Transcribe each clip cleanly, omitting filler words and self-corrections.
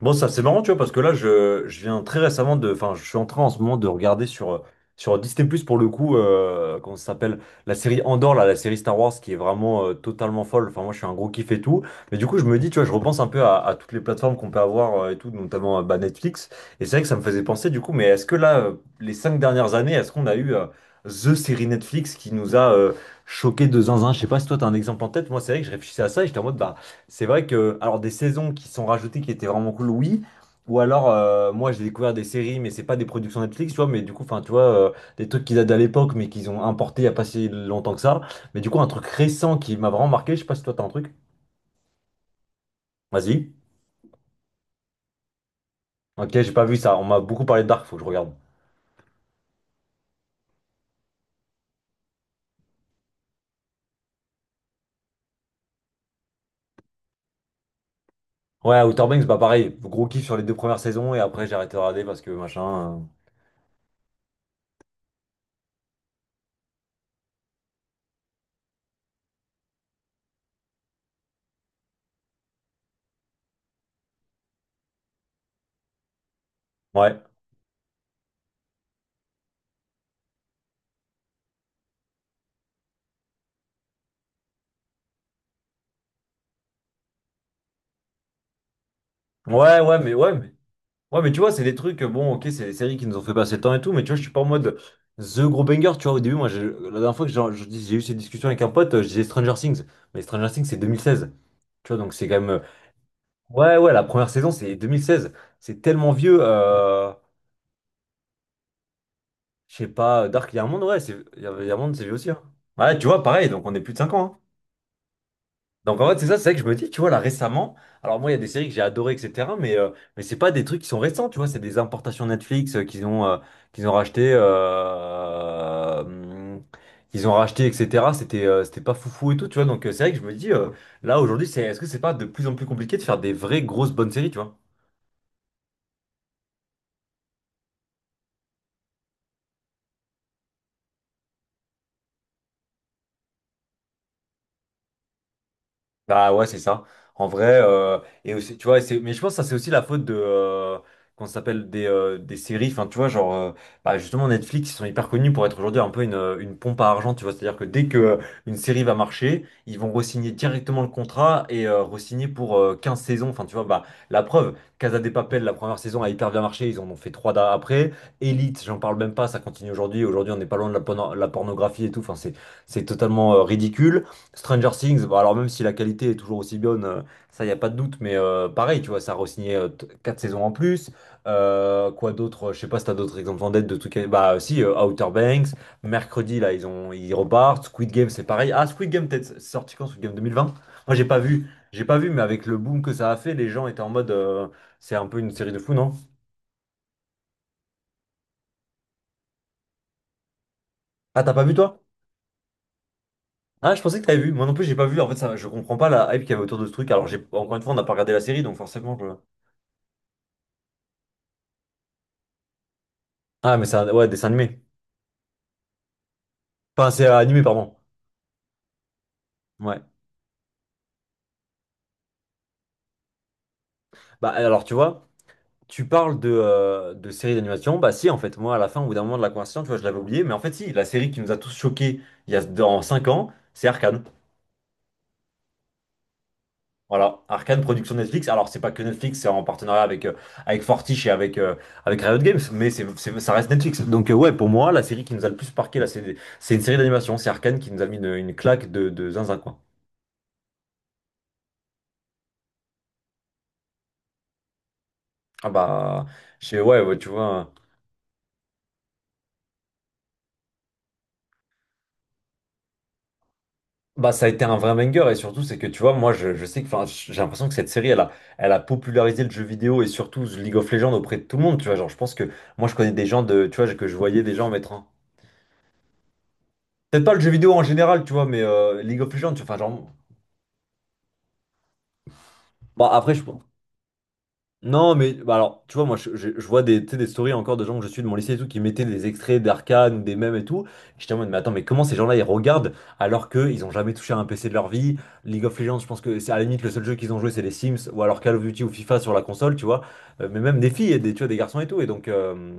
Bon, ça c'est marrant, tu vois, parce que là, je viens très récemment de. Enfin, je suis en train en ce moment de regarder sur Disney+, pour le coup, comment ça s'appelle? La série Andor, là, la série Star Wars, qui est vraiment totalement folle. Enfin, moi, je suis un gros kiff et tout. Mais du coup, je me dis, tu vois, je repense un peu à toutes les plateformes qu'on peut avoir et tout, notamment bah, Netflix. Et c'est vrai que ça me faisait penser, du coup, mais est-ce que là, les 5 dernières années, est-ce qu'on a eu The série Netflix qui nous a choqué de zinzin? Je sais pas si toi, t'as un exemple en tête. Moi, c'est vrai que je réfléchissais à ça et j'étais en mode, bah. C'est vrai que, alors des saisons qui sont rajoutées qui étaient vraiment cool, oui. Ou alors, moi j'ai découvert des séries, mais c'est pas des productions Netflix, tu vois, mais du coup, enfin, tu vois, des trucs qu'ils datent à l'époque, mais qu'ils ont importé il y a pas si longtemps que ça. Mais du coup, un truc récent qui m'a vraiment marqué, je sais pas si toi t'as un truc. Vas-y. Ok, j'ai pas vu ça, on m'a beaucoup parlé de Dark, faut que je regarde. Ouais, Outer Banks, bah pareil, gros kiff sur les deux premières saisons, et après j'ai arrêté de regarder parce que machin. Ouais. Ouais, ouais, mais ouais, mais ouais, mais tu vois, c'est des trucs, bon, ok, c'est des séries qui nous ont fait passer le temps et tout, mais tu vois, je suis pas en mode The Gros Banger, tu vois, au début, moi, la dernière fois que j'ai eu cette discussion avec un pote, je disais Stranger Things, mais Stranger Things, c'est 2016, tu vois, donc c'est quand même, ouais, ouais, la première saison, c'est 2016, c'est tellement vieux, je sais pas, Dark, il y a un monde, ouais, il y a un monde, c'est vieux aussi, hein. Ouais, tu vois, pareil, donc on est plus de 5 ans, hein. Donc en fait, c'est ça, c'est vrai que je me dis, tu vois, là récemment, alors moi, il y a des séries que j'ai adorées, etc., mais c'est pas des trucs qui sont récents, tu vois, c'est des importations Netflix qu'ils ont racheté, euh, hum, qu'ils ont racheté, etc. C'était c'était pas foufou et tout, tu vois, donc c'est vrai que je me dis, là aujourd'hui, c'est, est-ce que c'est pas de plus en plus compliqué de faire des vraies grosses bonnes séries, tu vois? Bah ouais, c'est ça. En vrai, et aussi, tu vois, c'est, mais je pense que ça, c'est aussi la faute de, qu'on s'appelle des séries. Enfin, tu vois, genre, bah, justement, Netflix, ils sont hyper connus pour être aujourd'hui un peu une pompe à argent, tu vois. C'est-à-dire que dès que une série va marcher, ils vont re-signer directement le contrat et re-signer pour 15 saisons. Enfin, tu vois, bah, la preuve, Casa de Papel, la première saison a hyper bien marché, ils en ont fait trois après. Elite, j'en parle même pas, ça continue aujourd'hui. Aujourd'hui, on n'est pas loin de la, la pornographie et tout. Enfin, c'est totalement ridicule. Stranger Things, bon, alors même si la qualité est toujours aussi bonne, ça y a pas de doute, mais pareil, tu vois, ça a re-signé 4 saisons en plus. Quoi d'autre? Je sais pas si t'as d'autres exemples en tête de trucs. Bah si, Outer Banks, mercredi là, ils repartent. Squid Game, c'est pareil. Ah, Squid Game, peut-être c'est sorti quand? Squid Game 2020? Moi, j'ai pas vu, mais avec le boom que ça a fait, les gens étaient en mode, c'est un peu une série de fous, non? Ah, t'as pas vu toi? Ah, je pensais que t'avais vu. Moi non plus, j'ai pas vu. En fait, ça, je comprends pas la hype qu'il y avait autour de ce truc. Alors, j'ai encore une fois, on n'a pas regardé la série, donc forcément, je... Ah, mais c'est un ouais, dessin animé. Enfin, c'est animé, pardon. Ouais. Bah alors, tu vois, tu parles de séries d'animation. Bah si, en fait, moi, à la fin, au bout d'un moment de la conversation, tu vois, je l'avais oublié. Mais en fait, si, la série qui nous a tous choqués il y a dans 5 ans, c'est Arcane. Voilà, Arcane, production Netflix. Alors, c'est pas que Netflix, c'est en partenariat avec Fortiche et avec Riot Games, mais ça reste Netflix. Donc, ouais, pour moi, la série qui nous a le plus marqué, là, c'est une série d'animation. C'est Arcane qui nous a mis une claque de zinzin, quoi. Ah bah, je sais, ouais, ouais, tu vois. Bah, ça a été un vrai banger et surtout c'est que tu vois moi je sais que enfin j'ai l'impression que cette série elle a popularisé le jeu vidéo et surtout League of Legends auprès de tout le monde tu vois genre je pense que moi je connais des gens de tu vois que je voyais des gens mettre un peut-être pas le jeu vidéo en général tu vois mais League of Legends tu vois, enfin genre bah après je, Non, mais bah alors, tu vois, moi, je vois des, tu sais, des stories encore de gens que je suis de mon lycée et tout qui mettaient des extraits d'Arcane ou des mèmes et tout. Et j'étais en mode, mais attends, mais comment ces gens-là ils regardent alors qu'ils ont jamais touché à un PC de leur vie? League of Legends, je pense que c'est à la limite le seul jeu qu'ils ont joué, c'est les Sims ou alors Call of Duty ou FIFA sur la console, tu vois. Mais même des filles, et des, tu vois, des garçons et tout. Et donc, euh,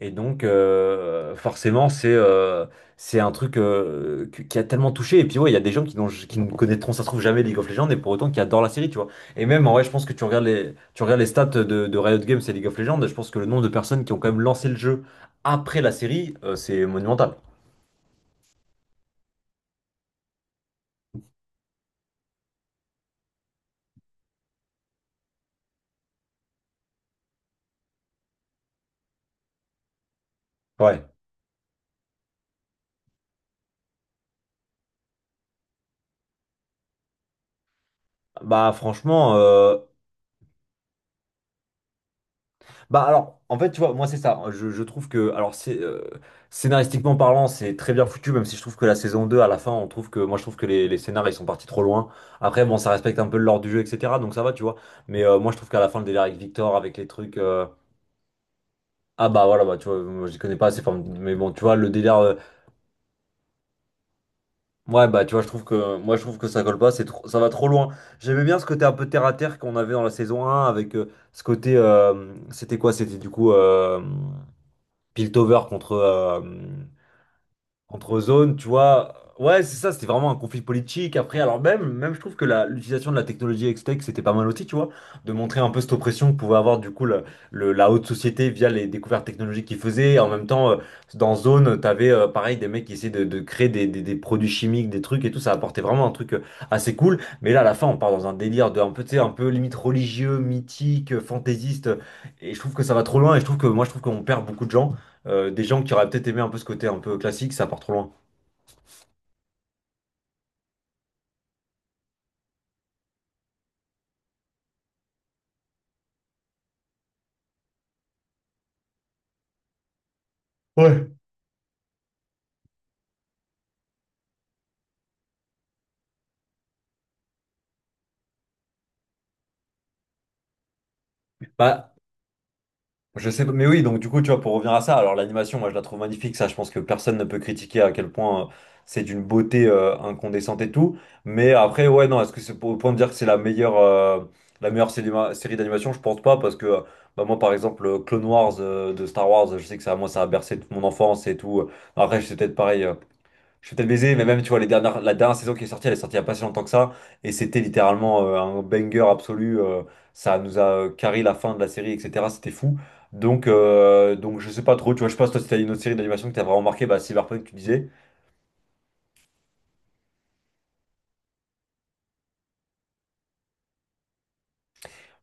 et donc, euh, forcément, c'est un truc qui a tellement touché. Et puis, ouais, il y a des gens qui, qui ne connaîtront, ça se trouve, jamais League of Legends, et pour autant qui adorent la série, tu vois. Et même, en vrai, je pense que tu regardes les, stats de Riot Games et League of Legends, et je pense que le nombre de personnes qui ont quand même lancé le jeu après la série, c'est monumental. Ouais. Bah, franchement, bah alors, en fait, tu vois, moi c'est ça. Je trouve que, alors c'est scénaristiquement parlant, c'est très bien foutu, même si je trouve que la saison 2 à la fin, on trouve que, moi je trouve que les scénars, ils sont partis trop loin. Après, bon, ça respecte un peu l'ordre du jeu, etc. Donc ça va, tu vois. Mais moi je trouve qu'à la fin, le délire avec Victor, avec les trucs... Ah bah voilà, bah tu vois, moi je connais pas assez, enfin, mais bon, tu vois, le délire... Ouais, bah tu vois, je trouve que, moi je trouve que ça colle pas, ça va trop loin. J'aimais bien ce côté un peu terre-à-terre qu'on avait dans la saison un avec ce côté... C'était quoi? C'était du coup... Piltover contre Zone, tu vois. Ouais, c'est ça, c'était vraiment un conflit politique. Après, alors même, même je trouve que l'utilisation de la technologie Hextech, c'était pas mal aussi, tu vois, de montrer un peu cette oppression que pouvait avoir du coup la haute société via les découvertes technologiques qu'ils faisaient. En même temps, dans Zone, t'avais pareil des mecs qui essayaient de créer des, des produits chimiques, des trucs et tout, ça apportait vraiment un truc assez cool. Mais là, à la fin, on part dans un délire de un peu, tu sais, un peu limite religieux, mythique, fantaisiste. Et je trouve que ça va trop loin et je trouve que moi, je trouve qu'on perd beaucoup de gens des gens qui auraient peut-être aimé un peu ce côté un peu classique, ça part trop loin. Ouais. Bah, je sais pas, mais oui, donc du coup, tu vois, pour revenir à ça, alors l'animation, moi je la trouve magnifique, ça je pense que personne ne peut critiquer à quel point c'est d'une beauté incandescente et tout, mais après, ouais, non, est-ce que c'est pour, au point de dire que c'est la meilleure série d'animation, je pense pas, parce que bah, moi par exemple, Clone Wars de Star Wars, je sais que ça, moi ça a bercé toute mon enfance et tout, après c'est peut-être pareil, je suis peut-être baisé, mais même, tu vois, les dernières, la dernière saison qui est sortie, elle est sortie il n'y a pas si longtemps que ça. Et c'était littéralement un banger absolu. Ça nous a carré la fin de la série, etc. C'était fou. Donc, je sais pas trop. Tu vois, je sais pas si toi, si t'as une autre série d'animation que t'as vraiment marqué, bah, Cyberpunk, tu disais.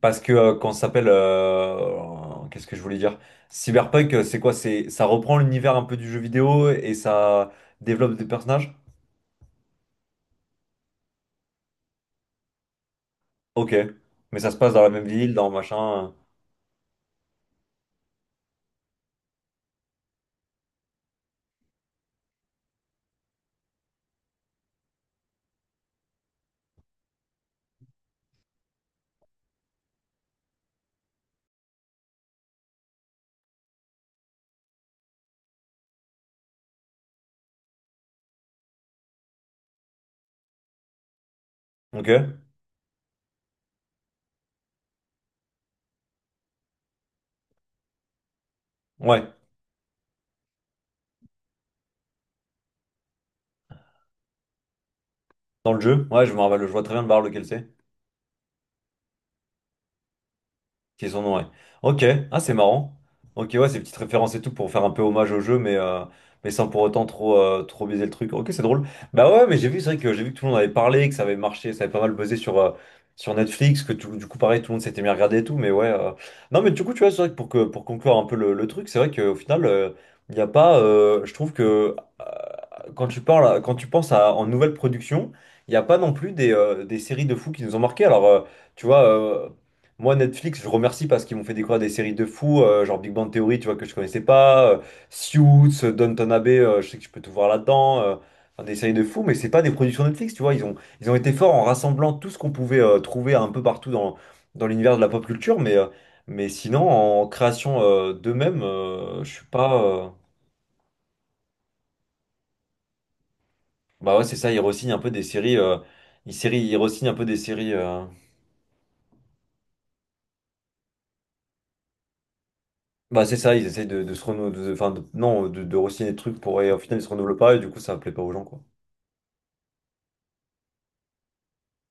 Parce que quand ça s'appelle. Qu'est-ce que je voulais dire? Cyberpunk, c'est quoi? C'est, ça reprend l'univers un peu du jeu vidéo et ça développe des personnages? Ok. Mais ça se passe dans la même ville, dans machin. Ok. Ouais. Dans le jeu. Ouais, je me rappelle, je vois très bien de voir lequel c'est. Qui sont ouais. Ok, ah c'est marrant. Ok, ouais, ces petites références et tout pour faire un peu hommage au jeu, mais sans pour autant trop, trop biaiser le truc. Ok, c'est drôle. Bah ouais, mais j'ai vu, c'est vrai que j'ai vu que tout le monde avait parlé, que ça avait marché, ça avait pas mal buzzé sur, sur Netflix, que du coup, pareil, tout le monde s'était mis à regarder et tout, mais ouais. Non, mais du coup, tu vois, c'est vrai que, pour conclure un peu le truc, c'est vrai qu'au final, il n'y a pas. Je trouve que euh, quand tu parles, quand tu penses à, en nouvelle production, il n'y a pas non plus des séries de fous qui nous ont marqué. Alors. Tu vois, moi, Netflix, je remercie parce qu'ils m'ont fait découvrir des séries de fous, genre Big Bang Theory, tu vois, que je connaissais pas, Suits, Downton Abbey, je sais que je peux tout voir là-dedans, enfin, des séries de fous, mais c'est pas des productions Netflix, tu vois, ils ont été forts en rassemblant tout ce qu'on pouvait trouver un peu partout dans, l'univers de la pop culture, mais sinon, en création d'eux-mêmes, je suis pas... Bah ouais, c'est ça, ils re un peu des séries, ils re un peu des séries... Bah c'est ça, ils essayent de se renouveler, non, de re-signer des trucs pour et au final ils se renouvellent pas et du coup ça plaît pas aux gens quoi.